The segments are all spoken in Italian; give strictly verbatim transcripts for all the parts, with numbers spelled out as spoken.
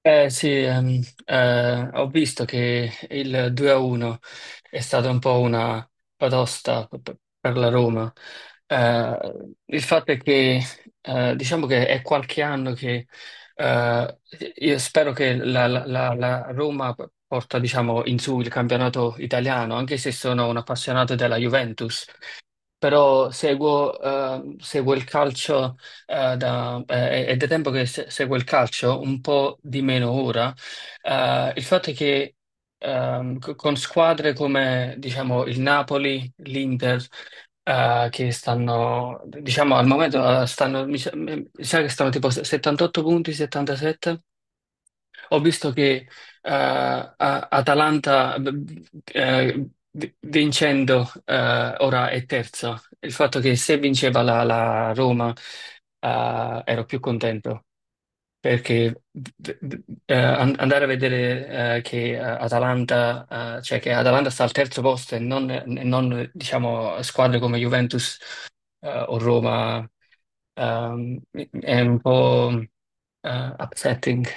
Eh sì, ehm, eh, ho visto che il due a uno è stata un po' una batosta p- p- per la Roma. Eh, il fatto è che eh, diciamo che è qualche anno che eh, io spero che la, la- la- la Roma porta, diciamo, in su il campionato italiano, anche se sono un appassionato della Juventus, però seguo, eh, seguo il calcio eh, da, eh, è da tempo che se- seguo il calcio, un po' di meno ora. Eh, il fatto è che ehm, co- con squadre come, diciamo, il Napoli, l'Inter, eh, che stanno, diciamo, al momento eh, stanno, mi sa, mi sa che stanno tipo settantotto punti, settantasette. Ho visto che eh, a- Atalanta, b- eh, v- vincendo, eh, ora è terza. Il fatto che se vinceva la, la Roma, eh, ero più contento perché d- d- eh, an- andare a vedere eh, che eh, Atalanta, eh, cioè che Atalanta sta al terzo posto e non, e non, diciamo, squadre come Juventus eh, o Roma ehm, è un po' eh, upsetting.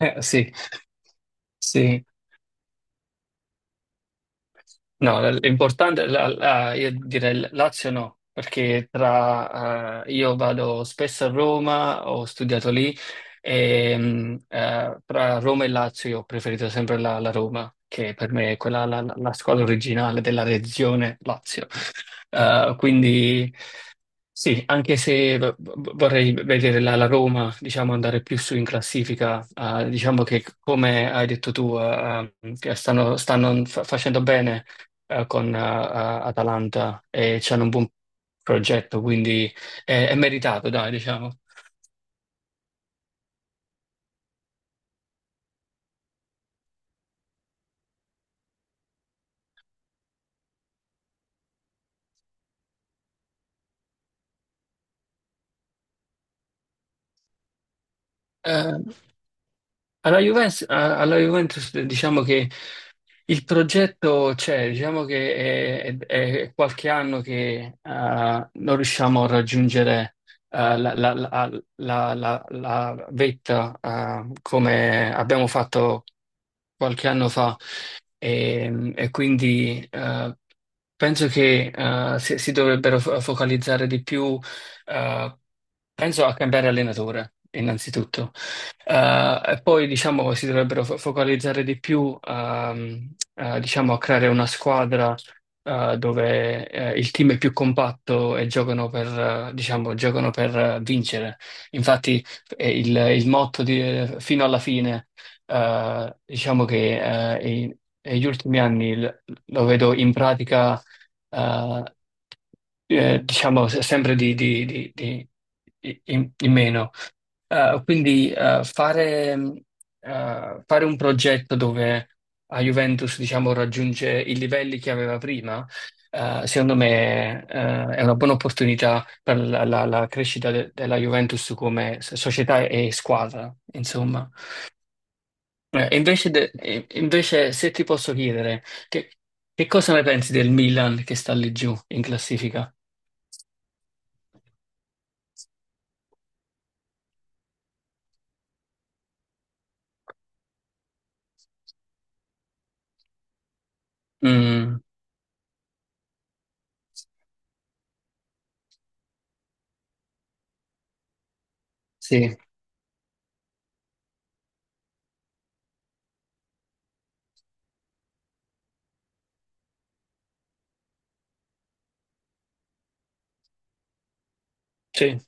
Eh, sì, sì. No, l- l'importante, la- la- io direi l- Lazio no, perché tra, eh, io vado spesso a Roma, ho studiato lì, e, mm, eh, tra Roma e Lazio io ho preferito sempre la, la Roma, che per me è quella, la, la- la squadra originale della regione Lazio. Eh, quindi sì, anche se v- v- vorrei vedere la, la Roma, diciamo, andare più su in classifica, eh, diciamo che come hai detto tu, eh, eh, che stanno, stanno fa- facendo bene eh, con eh, eh, Atalanta e c'hanno un buon progetto, quindi è, è meritato, dai, diciamo. Eh, Alla Juventus, eh, alla Juventus, eh, diciamo che il progetto c'è, diciamo che è, è- è qualche anno che eh, non riusciamo a raggiungere, eh, la, la- la- la- la- la vetta, eh, come abbiamo fatto qualche anno fa, e, e quindi eh, penso che eh, si, si dovrebbero fo- focalizzare di più, eh, penso a cambiare allenatore innanzitutto. Eh, e poi, diciamo, si dovrebbero fo- focalizzare di più, ehm, eh, diciamo, a creare una squadra eh, dove eh, il team è più compatto e giocano per, eh, diciamo, giocano per eh, vincere. Infatti eh, il, il motto di, eh, fino alla fine, eh, diciamo che eh, i- negli ultimi anni l- lo vedo in pratica, eh, eh, diciamo, se- sempre di, di- di- di- di- in, in meno. Eh, quindi eh, fare, mh, eh, fare un progetto dove la Juventus, diciamo, raggiunge i livelli che aveva prima, eh, secondo me eh, è una buona opportunità per la, la- la crescita de- della Juventus come s- società e squadra, insomma. Eh, e invece, de- e- e invece se ti posso chiedere, che, che cosa ne pensi del Milan che sta lì giù in classifica? Mm, sì, sì,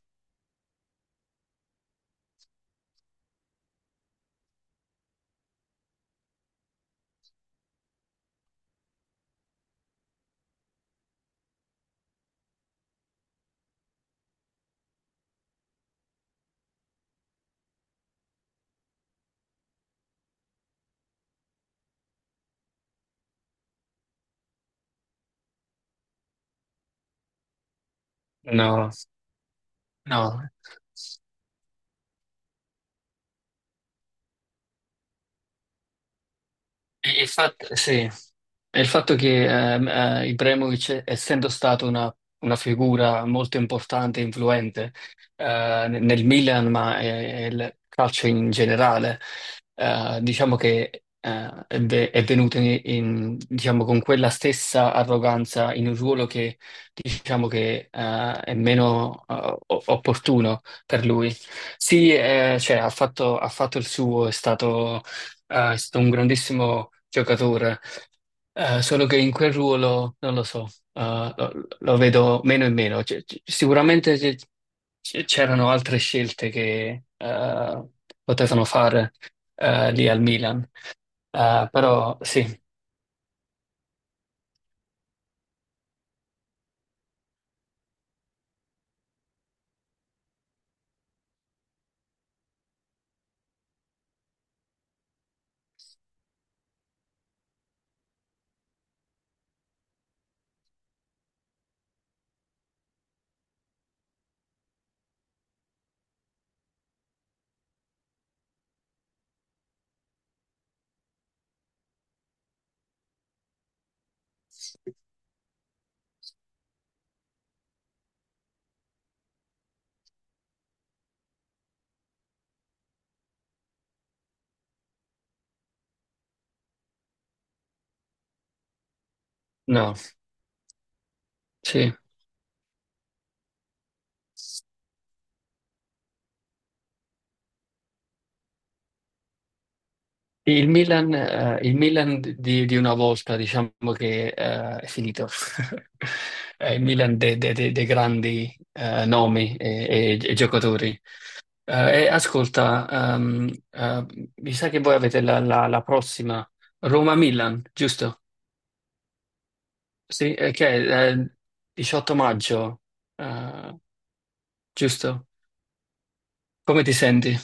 no, no. E- Infatti, sì. E il fatto che ehm, eh, Ibrahimovic, essendo stato una, una figura molto importante e influente eh, nel nel Milan, ma eh, il calcio in generale, eh, diciamo che eh, è, ve- è venuto in- in- diciamo, con quella stessa arroganza in un ruolo che, diciamo che eh, è meno eh, o- opportuno per lui. Sì, eh, cioè, ha fatto, ha fatto il suo, è stato, eh, è stato un grandissimo giocatore, eh, solo che in quel ruolo, non lo so, eh, lo, lo vedo meno e meno. C'è- c'è- sicuramente c'è- c'è- c'erano altre scelte che eh, potevano fare eh, lì al Milan. Eh, però sì, no, sì. Il Milan, eh, il Milan di, di una volta, diciamo che eh, è finito. Eh, il Milan dei dei- dei- dei grandi eh, nomi e e- e giocatori. Eh, e ascolta, ehm, eh, mi sa che voi avete la, la- la prossima Roma-Milan, giusto? Sì, eh, che è eh, diciotto maggio, eh, giusto? Come ti senti?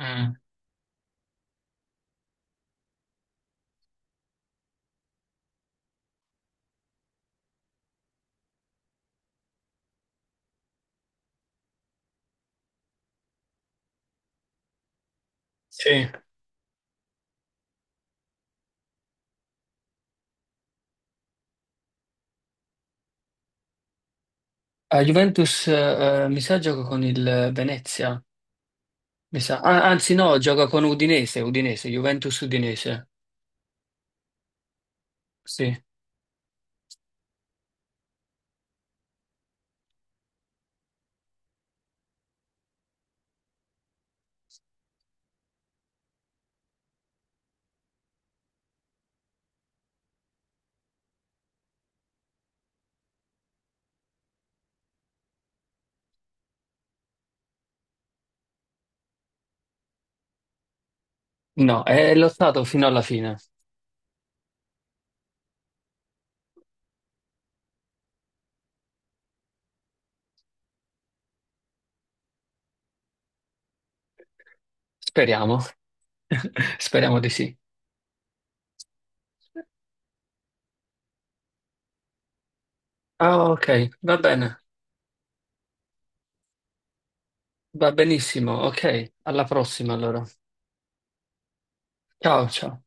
Mm, sì. A Juventus, eh, mi sa, gioca con il Venezia, mi sa. Ah, anzi, no, gioca con Udinese, Udinese, Juventus-Udinese. Sì, no, è lottato fino alla fine. Speriamo, speriamo di sì. Ah, ok, va bene. Va benissimo, ok. Alla prossima allora. Ciao, ciao.